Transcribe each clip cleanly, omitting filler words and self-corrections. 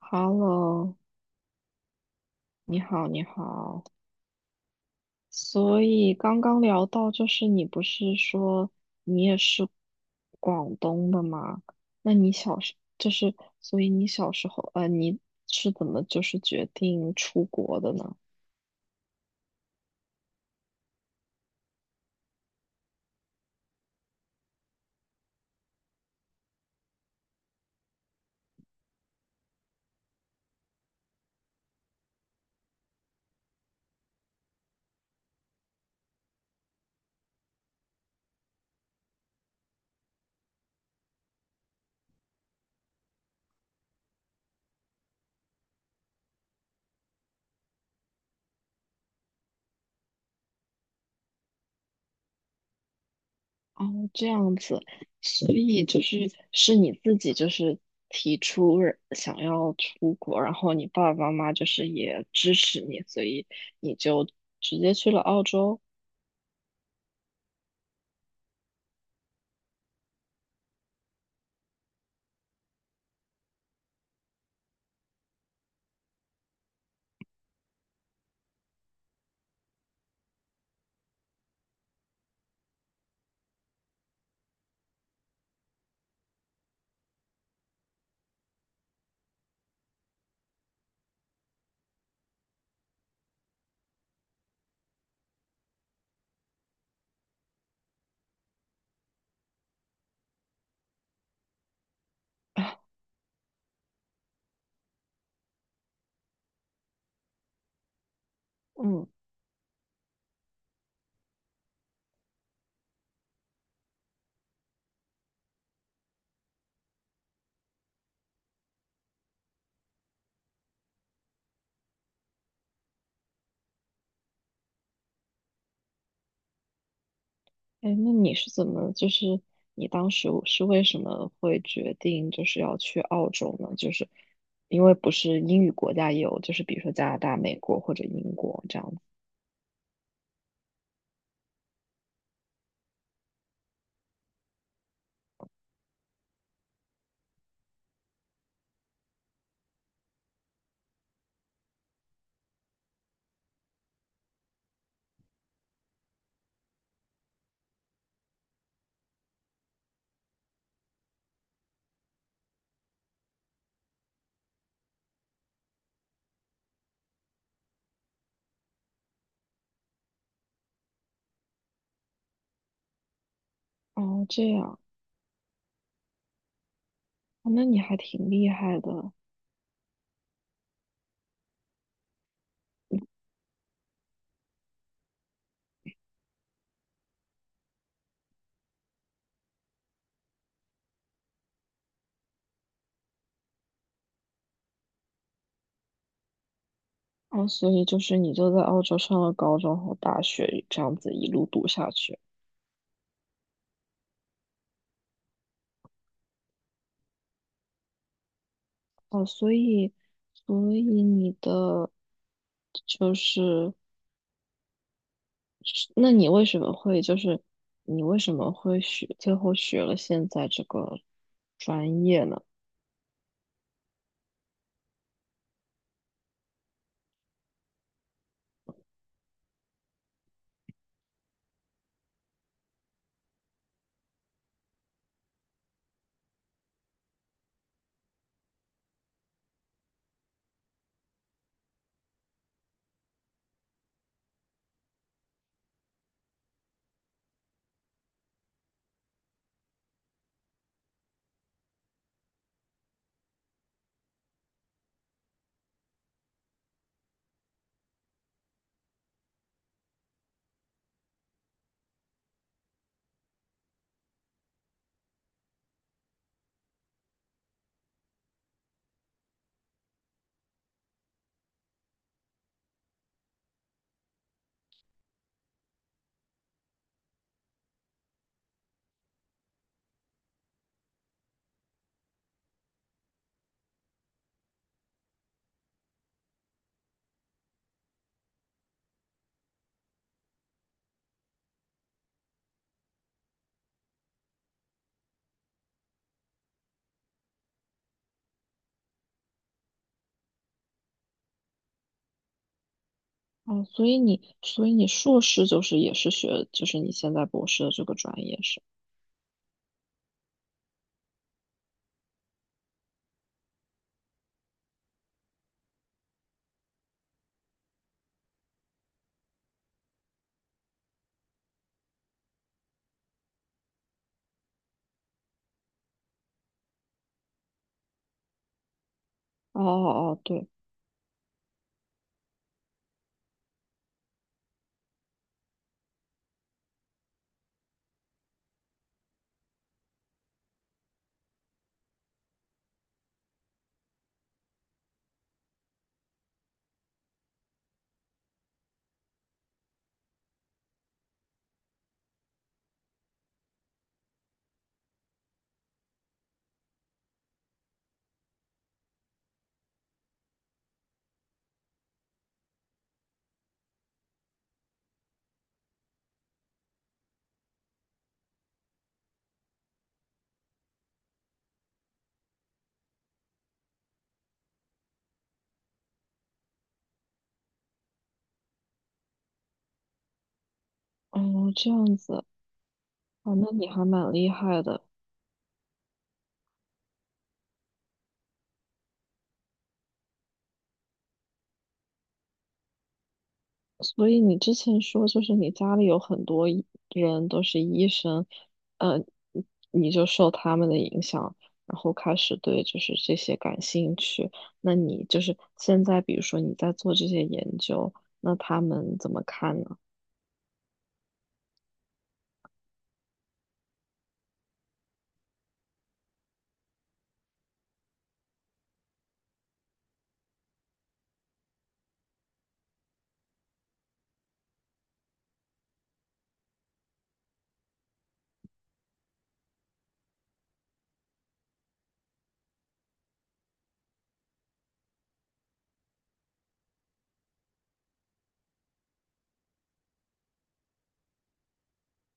Hello，你好，你好。所以刚刚聊到，就是你不是说你也是广东的吗？那你小时就是，所以你小时候，你是怎么就是决定出国的呢？哦，这样子，所以就是你自己就是提出想要出国，然后你爸爸妈妈就是也支持你，所以你就直接去了澳洲。嗯。哎，那你是怎么，就是你当时是为什么会决定就是要去澳洲呢？就是因为不是英语国家也有，就是比如说加拿大、美国或者英国这样子。哦，这样，哦那你还挺厉害的。哦，所以就是你就在澳洲上了高中和大学，这样子一路读下去。哦，所以，所以你的就是。那你为什么会就是你为什么会学最后学了现在这个专业呢？哦，所以你硕士就是也是学就是你现在博士的这个专业是？哦哦哦，对，哦这样子，哦那你还蛮厉害的。所以你之前说，就是你家里有很多医人都是医生，呃，你你就受他们的影响，然后开始对就是这些感兴趣。那你就是现在，比如说你在做这些研究，那他们怎么看呢？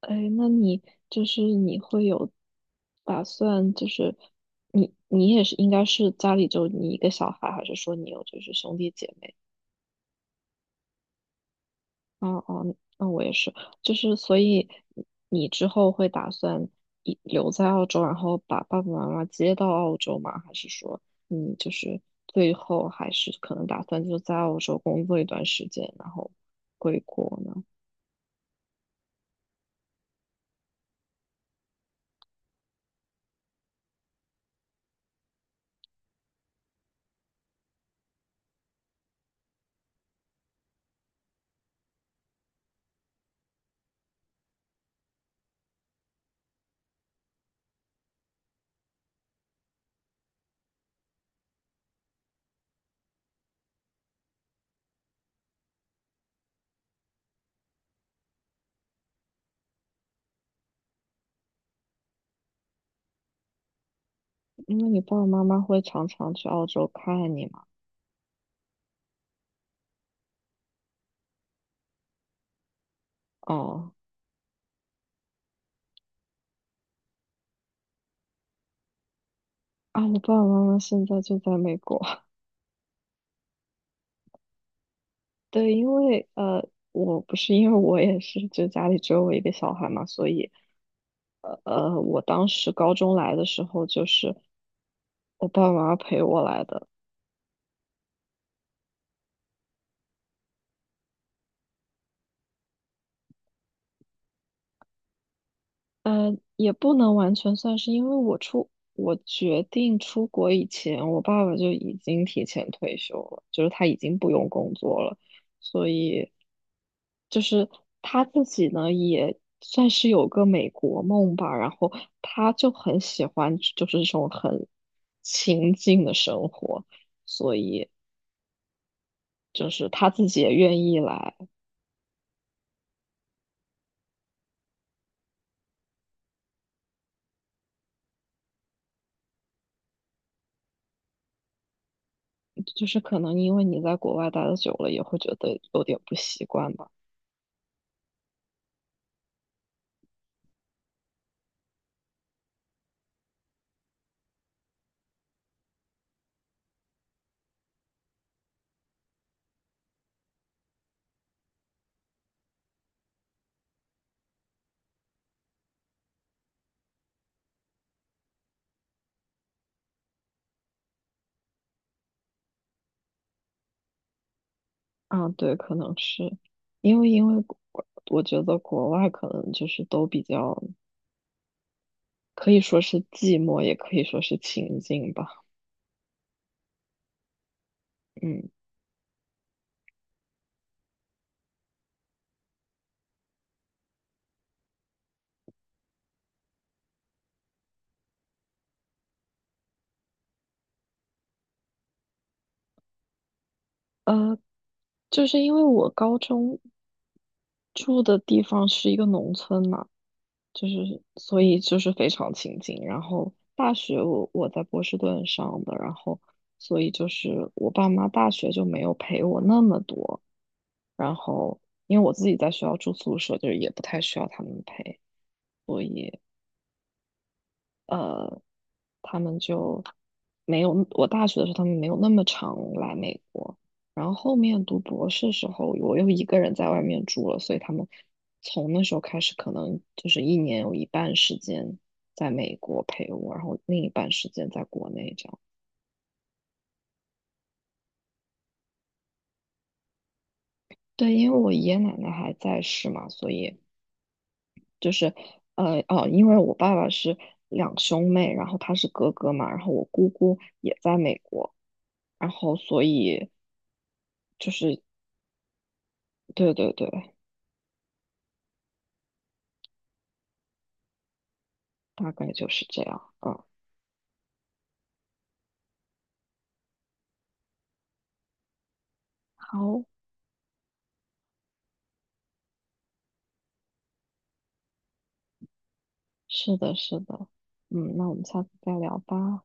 哎，那你就是你会有打算，就是你也是应该是家里就你一个小孩，还是说你有就是兄弟姐妹？哦哦，那我也是，就是所以你之后会打算一留在澳洲，然后把爸爸妈妈接到澳洲吗？还是说你就是最后还是可能打算就在澳洲工作一段时间，然后回国呢？因为你爸爸妈妈会常常去澳洲看你嘛。哦，啊，我爸爸妈妈现在就在美国。对，因为我不是因为我也是，就家里只有我一个小孩嘛，所以。我当时高中来的时候，就是我爸妈陪我来的，也不能完全算是，因为我决定出国以前，我爸爸就已经提前退休了，就是他已经不用工作了，所以就是他自己呢也算是有个美国梦吧，然后他就很喜欢就是这种很清静的生活，所以就是他自己也愿意来。就是可能因为你在国外待的久了，也会觉得有点不习惯吧。啊，对，可能是因为我觉得国外可能就是都比较可以说是寂寞，也可以说是清静吧。嗯，就是因为我高中住的地方是一个农村嘛，就是所以就是非常亲近。然后大学我在波士顿上的，然后所以就是我爸妈大学就没有陪我那么多，然后因为我自己在学校住宿舍，就是也不太需要他们陪。呃，他们就没有，我大学的时候他们没有那么常来美国，然后后面读博士时候，我又一个人在外面住了，所以他们从那时候开始，可能就是一年有一半时间在美国陪我，然后另一半时间在国内这样。对，因为我爷爷奶奶还在世嘛，所以就是因为我爸爸是两兄妹，然后他是哥哥嘛，然后我姑姑也在美国。然后所以对对对，大概就是这样。嗯，好，是的，是的。嗯，那我们下次再聊吧。